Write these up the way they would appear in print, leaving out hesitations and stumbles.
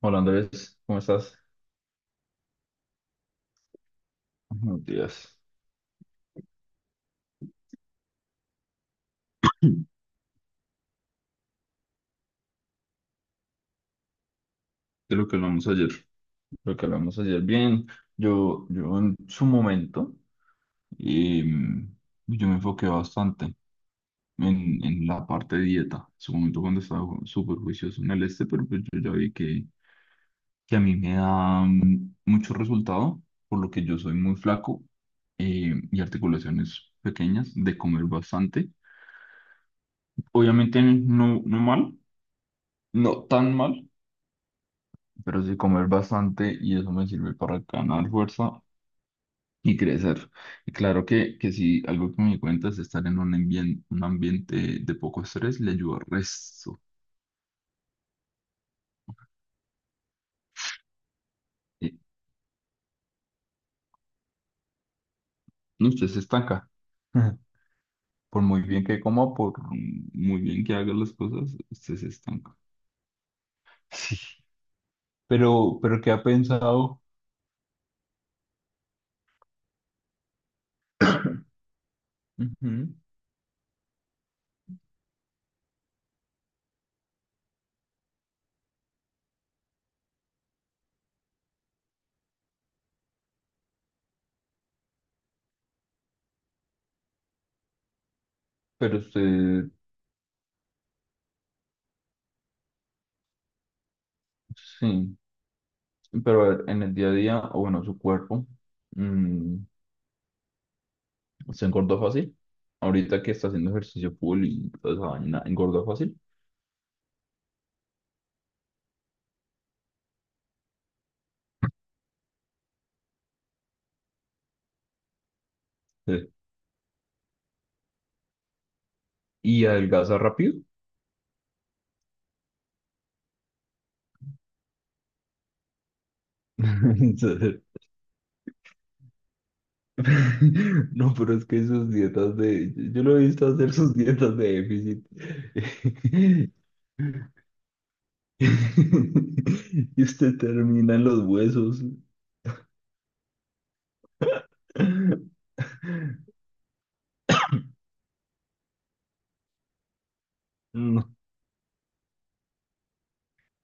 Hola Andrés, ¿cómo estás? Buenos días. De lo que hablamos ayer. Lo que hablamos ayer. Bien, yo en su momento, em, yo me enfoqué bastante en la parte de dieta. En su momento cuando estaba súper juicioso en el este, pero pues yo ya vi que a mí me da mucho resultado, por lo que yo soy muy flaco, y articulaciones pequeñas, de comer bastante. Obviamente no, no mal, no tan mal, pero sí comer bastante y eso me sirve para ganar fuerza y crecer. Y claro que sí, algo que me di cuenta es estar en un un ambiente de poco estrés le ayuda al resto. Eh, no, usted se estanca. Por muy bien que coma, por muy bien que haga las cosas, usted se estanca. Sí. Pero ¿qué ha pensado? Ujú. Pero usted, sí, pero a ver, en el día a día, o bueno, su cuerpo. mm, ¿Se engordó fácil? Ahorita que está haciendo ejercicio full y toda esa vaina, ¿engordó fácil? Sí. ¿Y adelgaza rápido? Entonces, no, pero es que sus dietas de, yo lo he visto hacer sus dietas de déficit. Y usted termina en los huesos. No,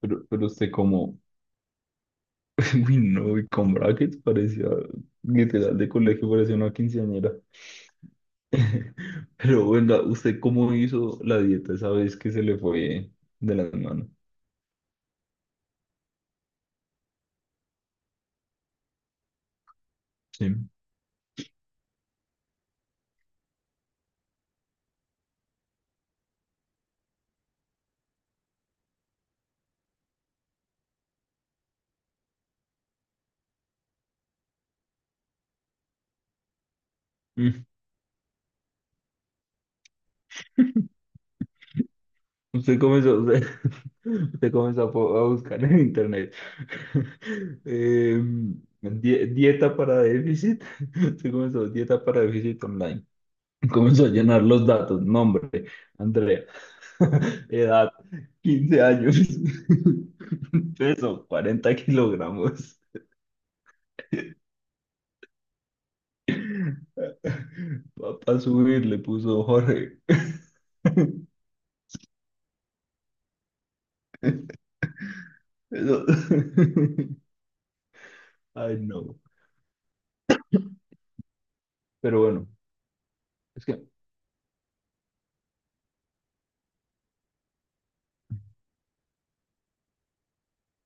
pero usted como, uy, no, y con brackets parecía, literal de colegio, parecía una quinceañera. Pero bueno, ¿usted cómo hizo la dieta esa vez que se le fue de las manos? Sí. Mm, usted comenzó, usted comenzó a buscar en internet, eh, dieta para déficit. Usted comenzó dieta para déficit online. Comenzó a llenar los datos, nombre, Andrea, edad, 15 años, peso, 40 kg. Papá subir, le puso Jorge. Eso, ay, no. Pero bueno, es que,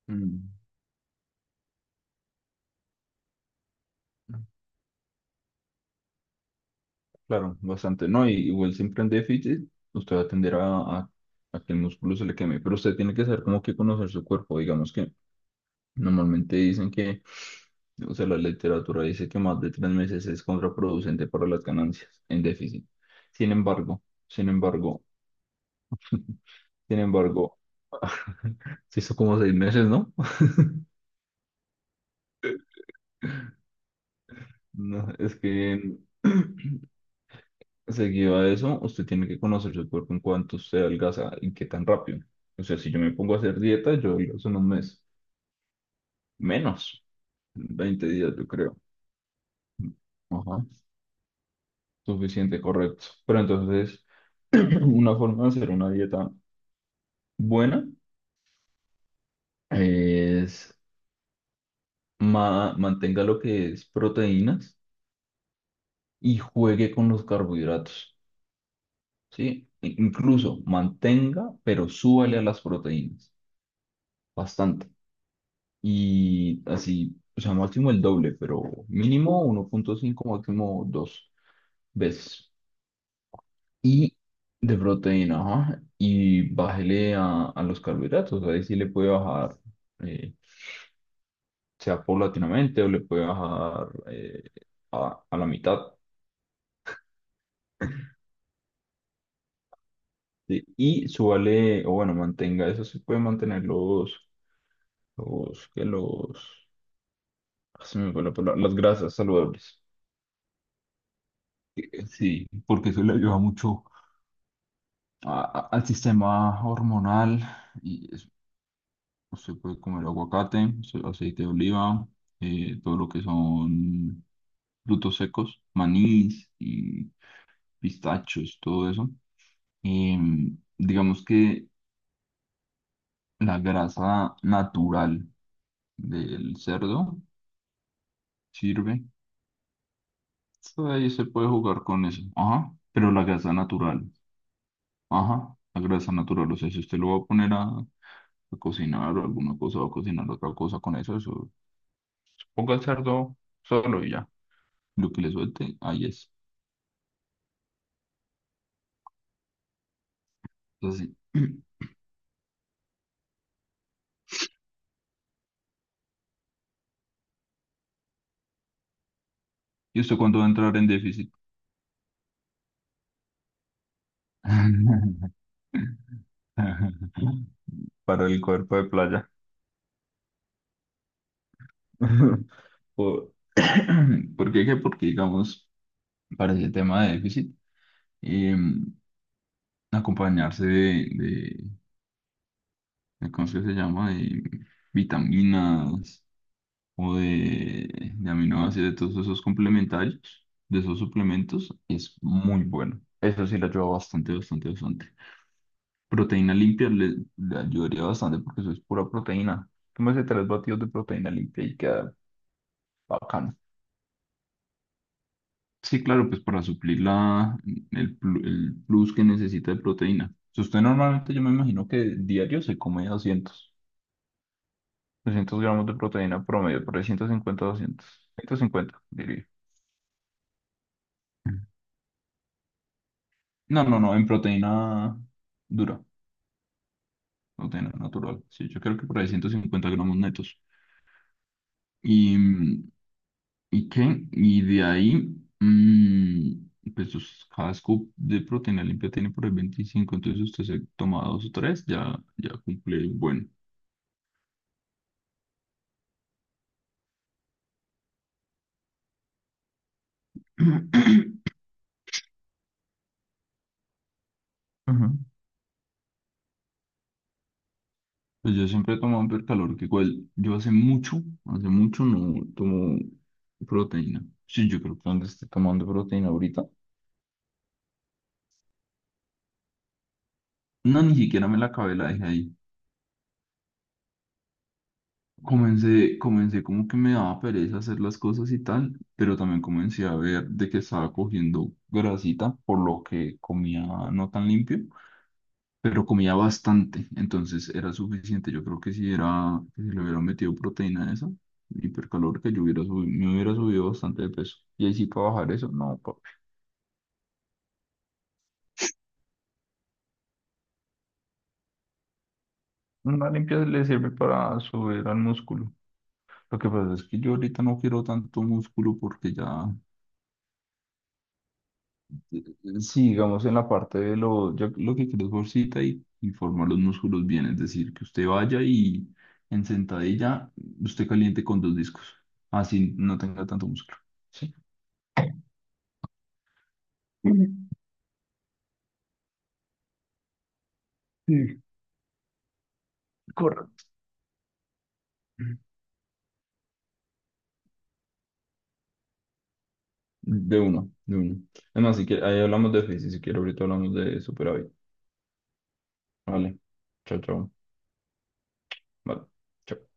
mm, claro, bastante, ¿no? Y igual siempre en déficit, usted va a tender a que el músculo se le queme, pero usted tiene que saber cómo que conocer su cuerpo. Digamos que normalmente dicen que, o sea, la literatura dice que más de 3 meses es contraproducente para las ganancias en déficit. Sin embargo, sin embargo, Sin embargo, se hizo como 6 meses, ¿no? No, es que seguido a eso, usted tiene que conocer su cuerpo en cuanto usted adelgaza y qué tan rápido. O sea, si yo me pongo a hacer dieta, yo adelgazo en un mes, menos, 20 días, yo creo. Ajá, suficiente, correcto. Pero entonces, una forma de hacer una dieta buena es mantenga lo que es proteínas y juegue con los carbohidratos. ¿Sí? Incluso mantenga, pero súbale a las proteínas, bastante. Y así, o sea, máximo el doble, pero mínimo 1.5, máximo 2 veces. Y de proteína, ajá, y bájele a los carbohidratos, ahí sí le puede bajar, eh, sea paulatinamente o le puede bajar, a la mitad. ¿Sí? Y súbale, o bueno, mantenga, eso se puede mantener los, que los, se me fue la palabra, las grasas saludables. Sí, porque eso le ayuda mucho a- al sistema hormonal y es- usted puede comer aguacate, aceite de oliva, todo lo que son frutos secos, manís y pistachos, todo eso. Digamos que la grasa natural del cerdo sirve. Ahí se puede jugar con eso. Ajá, pero la grasa natural. Ajá, la grasa natural. O sea, si usted lo va a poner a cocinar o alguna cosa, va a cocinar otra cosa con eso, eso. Ponga el cerdo solo y ya. Lo que le suelte, ahí es. Es así. ¿Y usted cuándo va a entrar en déficit? Para el cuerpo de playa. Por- ¿Por qué? Que Porque, digamos, para ese tema de déficit, em, acompañarse de, ¿cómo es que se llama? De vitaminas, o de aminoácidos, de todos esos complementarios, de esos suplementos, es muy bueno. Eso sí le ayuda bastante, bastante, bastante. Proteína limpia le ayudaría bastante porque eso es pura proteína. Tómese tres batidos de proteína limpia y queda bacano. Sí, claro, pues para suplir el plus que necesita de proteína. Si usted normalmente, yo me imagino que diario se come doscientos gramos de proteína promedio, por ahí 150, 200, 150 diría. No, no, no, en proteína dura, proteína natural. Sí, yo creo que por ahí 150 gramos netos. ¿Y, y qué? Y de ahí, pues sus, cada scoop de proteína limpia tiene por ahí 25, entonces usted se toma dos o tres, ya, ya cumple el buen. Ajá. Pues yo siempre he tomado hipercalórico, igual yo hace mucho no tomo proteína. Sí, yo creo que donde esté tomando proteína ahorita. No, ni siquiera me la acabé, la dejé ahí. Comencé, como que me daba pereza hacer las cosas y tal, pero también comencé a ver de que estaba cogiendo grasita, por lo que comía no tan limpio, pero comía bastante, entonces era suficiente. Yo creo que si era, que si le hubiera metido proteína a esa hipercalórica, yo me hubiera subido bastante de peso. Y ahí sí para bajar eso, no, papi. Una limpia le sirve para subir al músculo. Lo que pasa es que yo ahorita no quiero tanto músculo porque ya, sí, digamos en la parte de lo, yo lo que quiero es bolsita y formar los músculos bien, es decir, que usted vaya y en sentadilla usted caliente con dos discos, así no tenga tanto músculo. Sí, mm, mm, correcto. De uno, de uno. Además, si quiere, ahí hablamos de física, si quiere ahorita hablamos de superávit. Vale, chao, chao. Vale. Chao.